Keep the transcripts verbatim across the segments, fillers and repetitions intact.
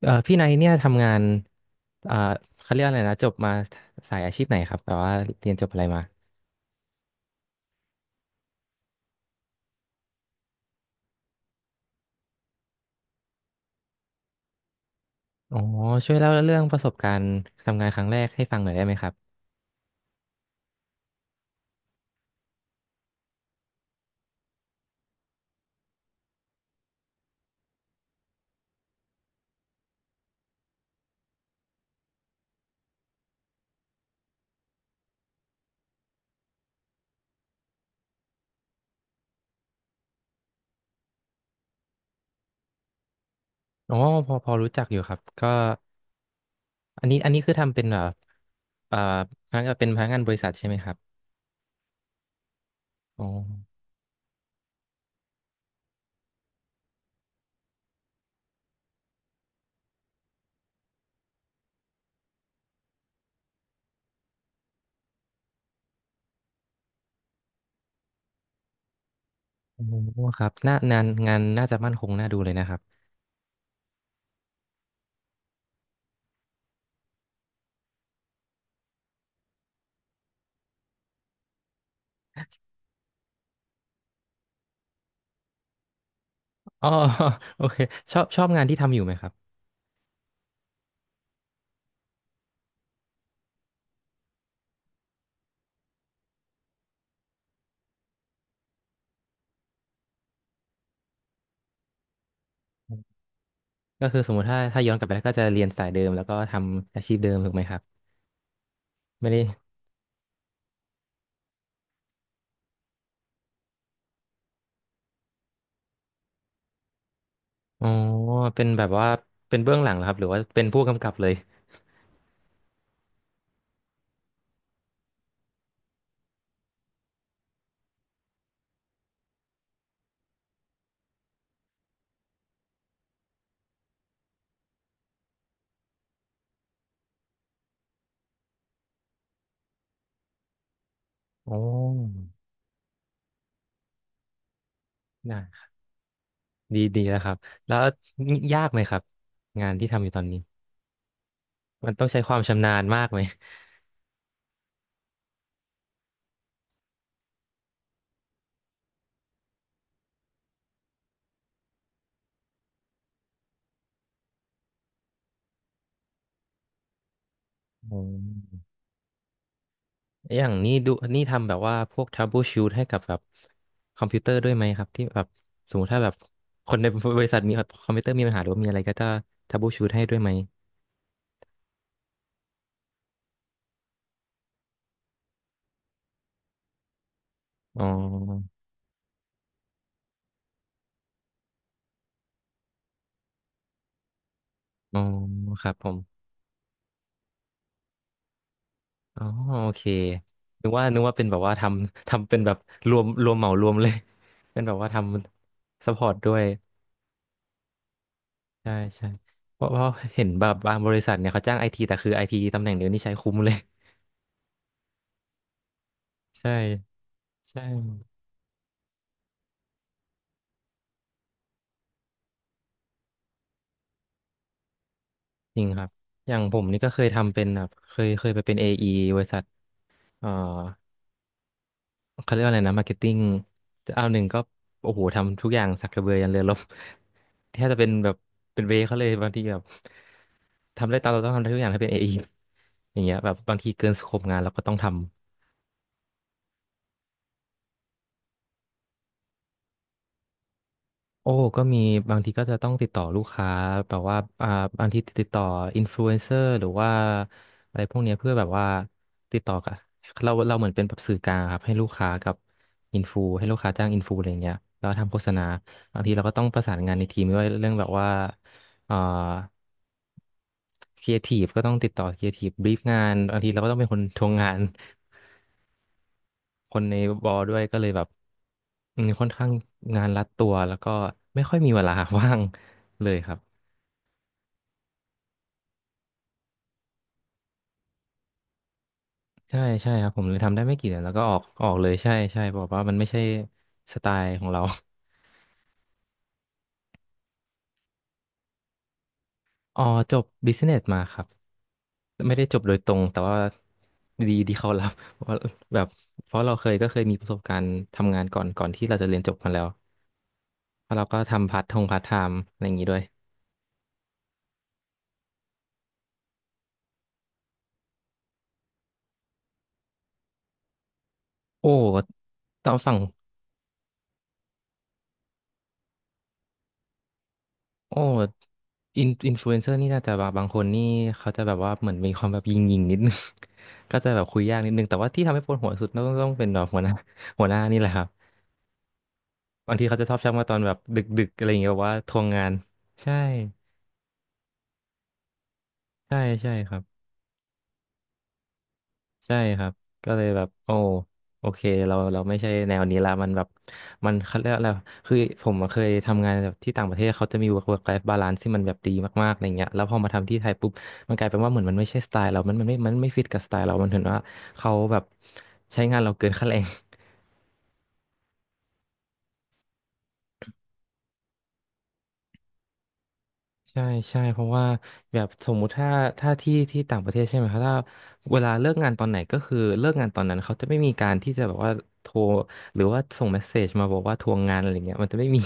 เอ่อพี่ไนท์เนี่ยทำงานเอ่อเขาเรียกอะไรนะจบมาสายอาชีพไหนครับแบบว่าเรียนจบอะไรมาอ๋อช่วยเล่าเรื่องประสบการณ์ทำงานครั้งแรกให้ฟังหน่อยได้ไหมครับอ๋อพอพอรู้จักอยู่ครับก็อันนี้อันนี้คือทำเป็นแบบเอ่อพนักงานเป็นพนักงานบริษัทใช่ไหมครับอ๋อโอ้ครับน่างานงานน่าจะมั่นคงน่าดูเลยนะครับอ๋อ โอเคชอบชอบงานที่ทำอยู่ไหมครับก็คือสมมติถ้าถ้าย้อนกลับไปแล้วก็จะเรียนสายเดิมแล้วก็ทำอาชีพเดิมถูกไหมครับไม่ได้ อ๋อเป็นแบบว่าเป็นเบื้องหลังเหรอครับหรือว่าเป็นผู้กำกับเลยอ๋อนะดีดีแล้วครับแล้วยากไหมครับงานที่ทำอยู่ตอนนี้มันต้องใช้ความชำนาญมากไหมอ๋ออย่างนี้ดูนี่ทำแบบว่าพวก troubleshoot ให้กับแบบคอมพิวเตอร์ด้วยไหมครับที่แบบสมมติถ้าแบบคนในบริษัทมีคอมพิวเตอร์มีปัญหาหรือว่ามีอะไรก็จะ troubleshoot ให้ด้วยไหมอ๋ออ๋อครับผม อ๋อโอเคนึกว่านึกว่าเป็นแบบว่าทำทำเป็นแบบรวมรวมเหมารวมเลย เป็นแบบว่าทำซัพพอร์ตด้วยใช่ใช่เพราะเพราะเห็นแบบบางบริษัทเนี่ยเขาจ้างไอทีแต่คือไอทีตำแหน่งเดียวนี่ใช้คุ้มเลย ใช่ใช่จริงครับอย่างผมนี่ก็เคยทำเป็นแบบเคยเคยไปเป็น เอ อี บริษัทเอ่อเขาเรียกว่าอะไรนะมาร์เก็ตติ้งเอาหนึ่งก็โอ้โหทำทุกอย่างสักกระเบือยันเรือรบ แทบจะเป็นแบบเป็นเวย์เขาเลยบางทีแบบ ทำได้ตามเราต้องทำทุกอย่างให้เป็นเอ i ออย่างเงี้ยแบบบางทีเกินสโคปงานเราก็ต้องทำโอ้ก็มีบางทีก็จะต้องติดต่อลูกค้าแบบว่าอ่าบางทีติดต่ออินฟลูเอนเซอร์หรือว่าอะไรพวกเนี้ยเพื่อแบบว่าติดต่อกับเราเราเหมือนเป็นแบบสื่อกลางครับให้ลูกค้ากับอินฟูให้ลูกค้าจ้างอินฟูอะไรเงี้ยแล้วทำโฆษณาบางทีเราก็ต้องประสานงานในทีมไม่วาเรื่องแบบว่าเอ่อครีเอทีฟก็ต้องติดต่อครีเอทีฟบรีฟงานบางทีเราก็ต้องเป็นคนทวงงาน คนในบอด้วยก็เลยแบบอืมค่อนข้างงานรัดตัวแล้วก็ไม่ค่อยมีเวลา ว่างเลยครับใช่ใช่ครับผมเลยทำได้ไม่กี่เดือนแล้วก็ออกออกเลยใช่ใช่บอกว่ามันไม่ใช่สไตล์ของเราอ๋อจบบิสเนสมาครับไม่ได้จบโดยตรงแต่ว่าดี ที่เขารับ เพราะว่าแบบเพราะเราเคยก็เคยมีประสบการณ์ทำงานก่อนก่อนที่เราจะเรียนจบมาแล้วแล้วเราก็ทำพาร์ททงพาร์ทไทม์อะไรอย่างนี้ด้วยโอ้ตอนฝั่ง โอ้อินอินฟลูเอนเซอร์นี่น่าจะแบบบางคนนี่เขาจะแบบว่าเหมือนมีความแบบยิงยิงนิดนึง ก็จะแบบคุยยากนิดนึงแต่ว่าที่ทำให้ปวดหัวสุดต้องต้องเป็นแบบหัวหน้าหัวหน้านี่แหละครับบางทีเขาจะชอบชักมาตอนแบบดึกๆอะไรอย่างเงี้ยแบบว่าทวงงานใช่ใช่ใช่ครับ ใช่ครับก็เลยแบบโอ้โอเคเราเราไม่ใช่แนวนี้ละมันแบบมันเขาเรียกอะไรคือผมอะเคยทำงานแบบที่ต่างประเทศเขาจะมี work work life balance ที่มันแบบดีมากๆอะไรเงี้ยแล้วพอมาทำที่ไทยปุ๊บมันกลายเป็นว่าเหมือนมันไม่ใช่สไตล์เรามันมันไม่มันไม่ฟิตกับสไตล์เรา มันเห็นว่าเขาแบบใช้งานเราเกินค่าแรง ใช่ใช่เพราะว่าแบบสมมุติถ้าถ้าที่ที่ต่างประเทศใช่ไหมครับถ้าเวลาเลิกงานตอนไหนก็คือเลิกงานตอนนั้นเขาจะไม่มีการที่จะแบบว่าโทรหรือว่าส่งเมสเซจมาบอกว่าทวงงานอะไรเงี้ยมันจะไม่มี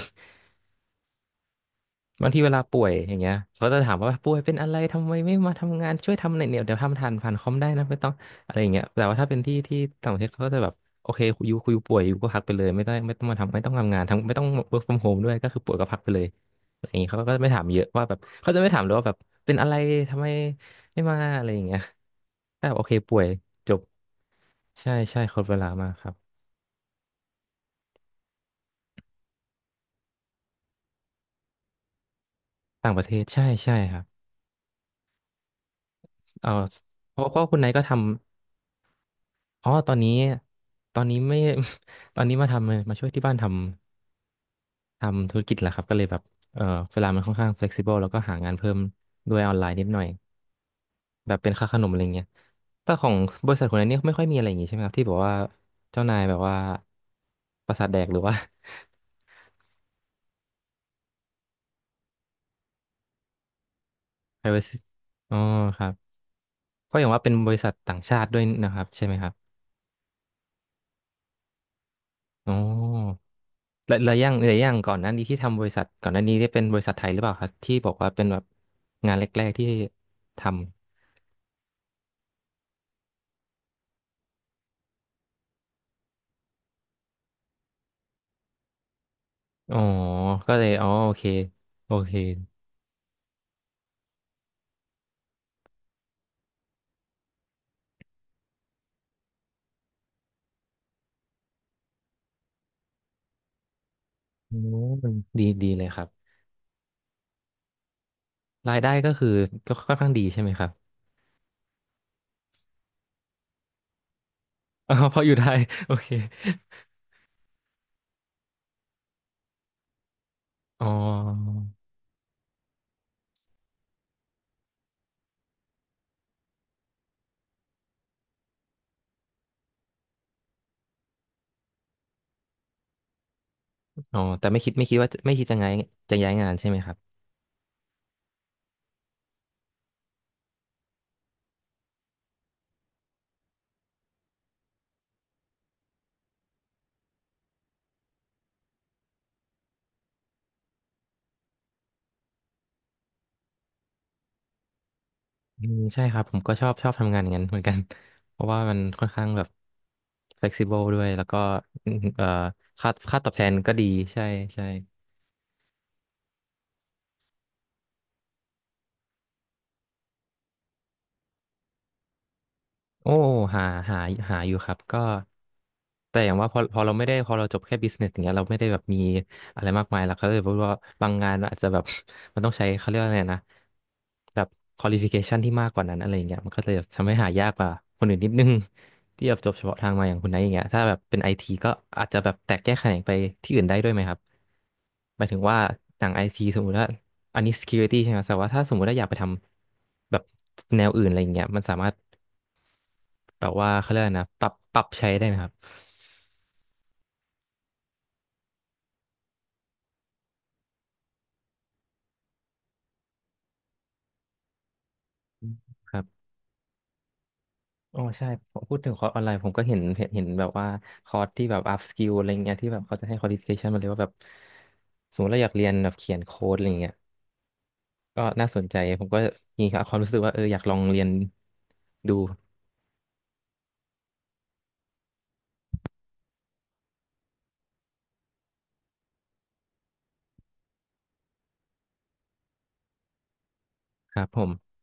บางทีเวลาป่วยอย่างเงี้ยเขาจะถามว่าป่วยเป็นอะไรทำไมไม่มาทำงานช่วยทำหน่อยเนี่ยเดี๋ยวทำทันผ่านคอมได้นะไม่ต้องอะไรอย่างเงี้ยแต่ว่าถ้าเป็นที่ที่ต่างประเทศเขาก็จะแบบโอเคอยูคุยป่วยอยู่ก็พักไปเลยไม่ได้ไม่ต้องมาทำไม่ต้องทำงานทั้งไม่ต้อง work from home ด้วยก็คือป่วยก็พักไปเลยอะไรอย่างเงี้ยเขาก็ไม่ถามเยอะว่าแบบเขาจะไม่ถามเลยว่าแบบเป็นอะไรทำไมไม่มาอะไรอย่างเงี้ยก็แบบโอเคป่วยจบใช่ใช่ครบเวลามากครับต่างประเทศใช่ใช่ครับเออเพราะเพราะคุณนายก็ทำ อ๋อตอนนี้ ตอนนี้ไม่ ตอนนี้มาทำมาช่วยที่บ้านทำ ทำธุรกิจแหละครับก็เลยแบบเออเวลามันค่อนข้าง flexible แล้วก็หางานเพิ่มด้วยออนไลน์นิดหน่อย แบบเป็นค่าขนมอะไรเงี้ยแต่ของบริษัทคนนั้นเนี่ยไม่ค่อยมีอะไรอย่างงี้ใช่ไหมครับ ที่บอกว่า เจ้านายแบบว่า ประสาทแดกหรือว่า privacy อ๋อครับก็อย่างว่าเป็นบริษัทต่างชาติด้วยนะครับใช่ไหมครับอ๋อ แล้วแล้วอย่างแล้วอย่างก่อนหน้านี้ที่ทำบริษัทก่อนหน้านี้ได้เป็นบริษัทไทยหรือเปล่าครับที่บอกว่าเป็นแบบงานแรกๆที่ทำอ๋อก็เลยอ๋อโอเคโอเคโอดีดีเลยครับรายได้ก็คือก็ค่อนข้างดีใช่ไหมครับ อ๋อเพราะอยู่ไทยโอเคอ๋ออ๋อแต่ไม่คิดไม่คิดว่าไม่คิดจะย้ายจะย้ายงานใช่ไหมครับ อืมใช่ครับผมก็ชอบชอบทำงานอย่างนั้นเหมือนกัน เพราะว่ามันค่อนข้างแบบ flexible ด้วยแล้วก็อืมเอ่อค่าค่าตอบแทนก็ดีใช่ใช่ โอ้หาหาหาอยู่ครับก็ แต่อย่างว่าพอพอเราไม่ได้พอเราจบแค่บิสเนสอย่างเงี้ยเราไม่ได้แบบมีอะไรมากมายแล้วเขาเลยพูดว่าบางงานมันอาจจะแบบ มันต้องใช้เขาเรียกว่าอะไรนะแบบค u a l i f i c a t i o n ที่มากกว่านั้นอะไรอย่างเงี้ยมันก็เลยทำให้หายากกว่าคนอื่นนิดนึง ที่แบบจบเฉพาะทางมาอย่างคุณไนท์อย่างเงี้ยถ้าแบบเป็นไอทีก็อาจจะแบบแตกแยกแขนงไปที่อื่นได้ด้วยไหมครับหมายถึงว่าอย่างไอทีสมมุติว่าอันนี้ security ใช่ไหมแต่ว่าถ้าสมมุติว่าอยากไปทำแบบแนวอื่นอะไรอย่างเงี้ยมันสามารถ แบบว่าเขาเรียกอะไรนะปรับปรับใช้ได้ไหมครับครับอ๋อใช่ผมพูดถึงคอร์สออนไลน์ผมก็เห็นเห็นเห็นแบบว่าคอร์สที่แบบ up skill อะไรเงี้ยที่แบบเขาจะให้ qualification มาเลยว่าแบบสมมติเราอยากเรียนแบบเขียนโค้ดอะไรเงี้ยก็น่าสนใจผมก็มีความรู้สึกว่าเอออยากลองเรียนดูครับผม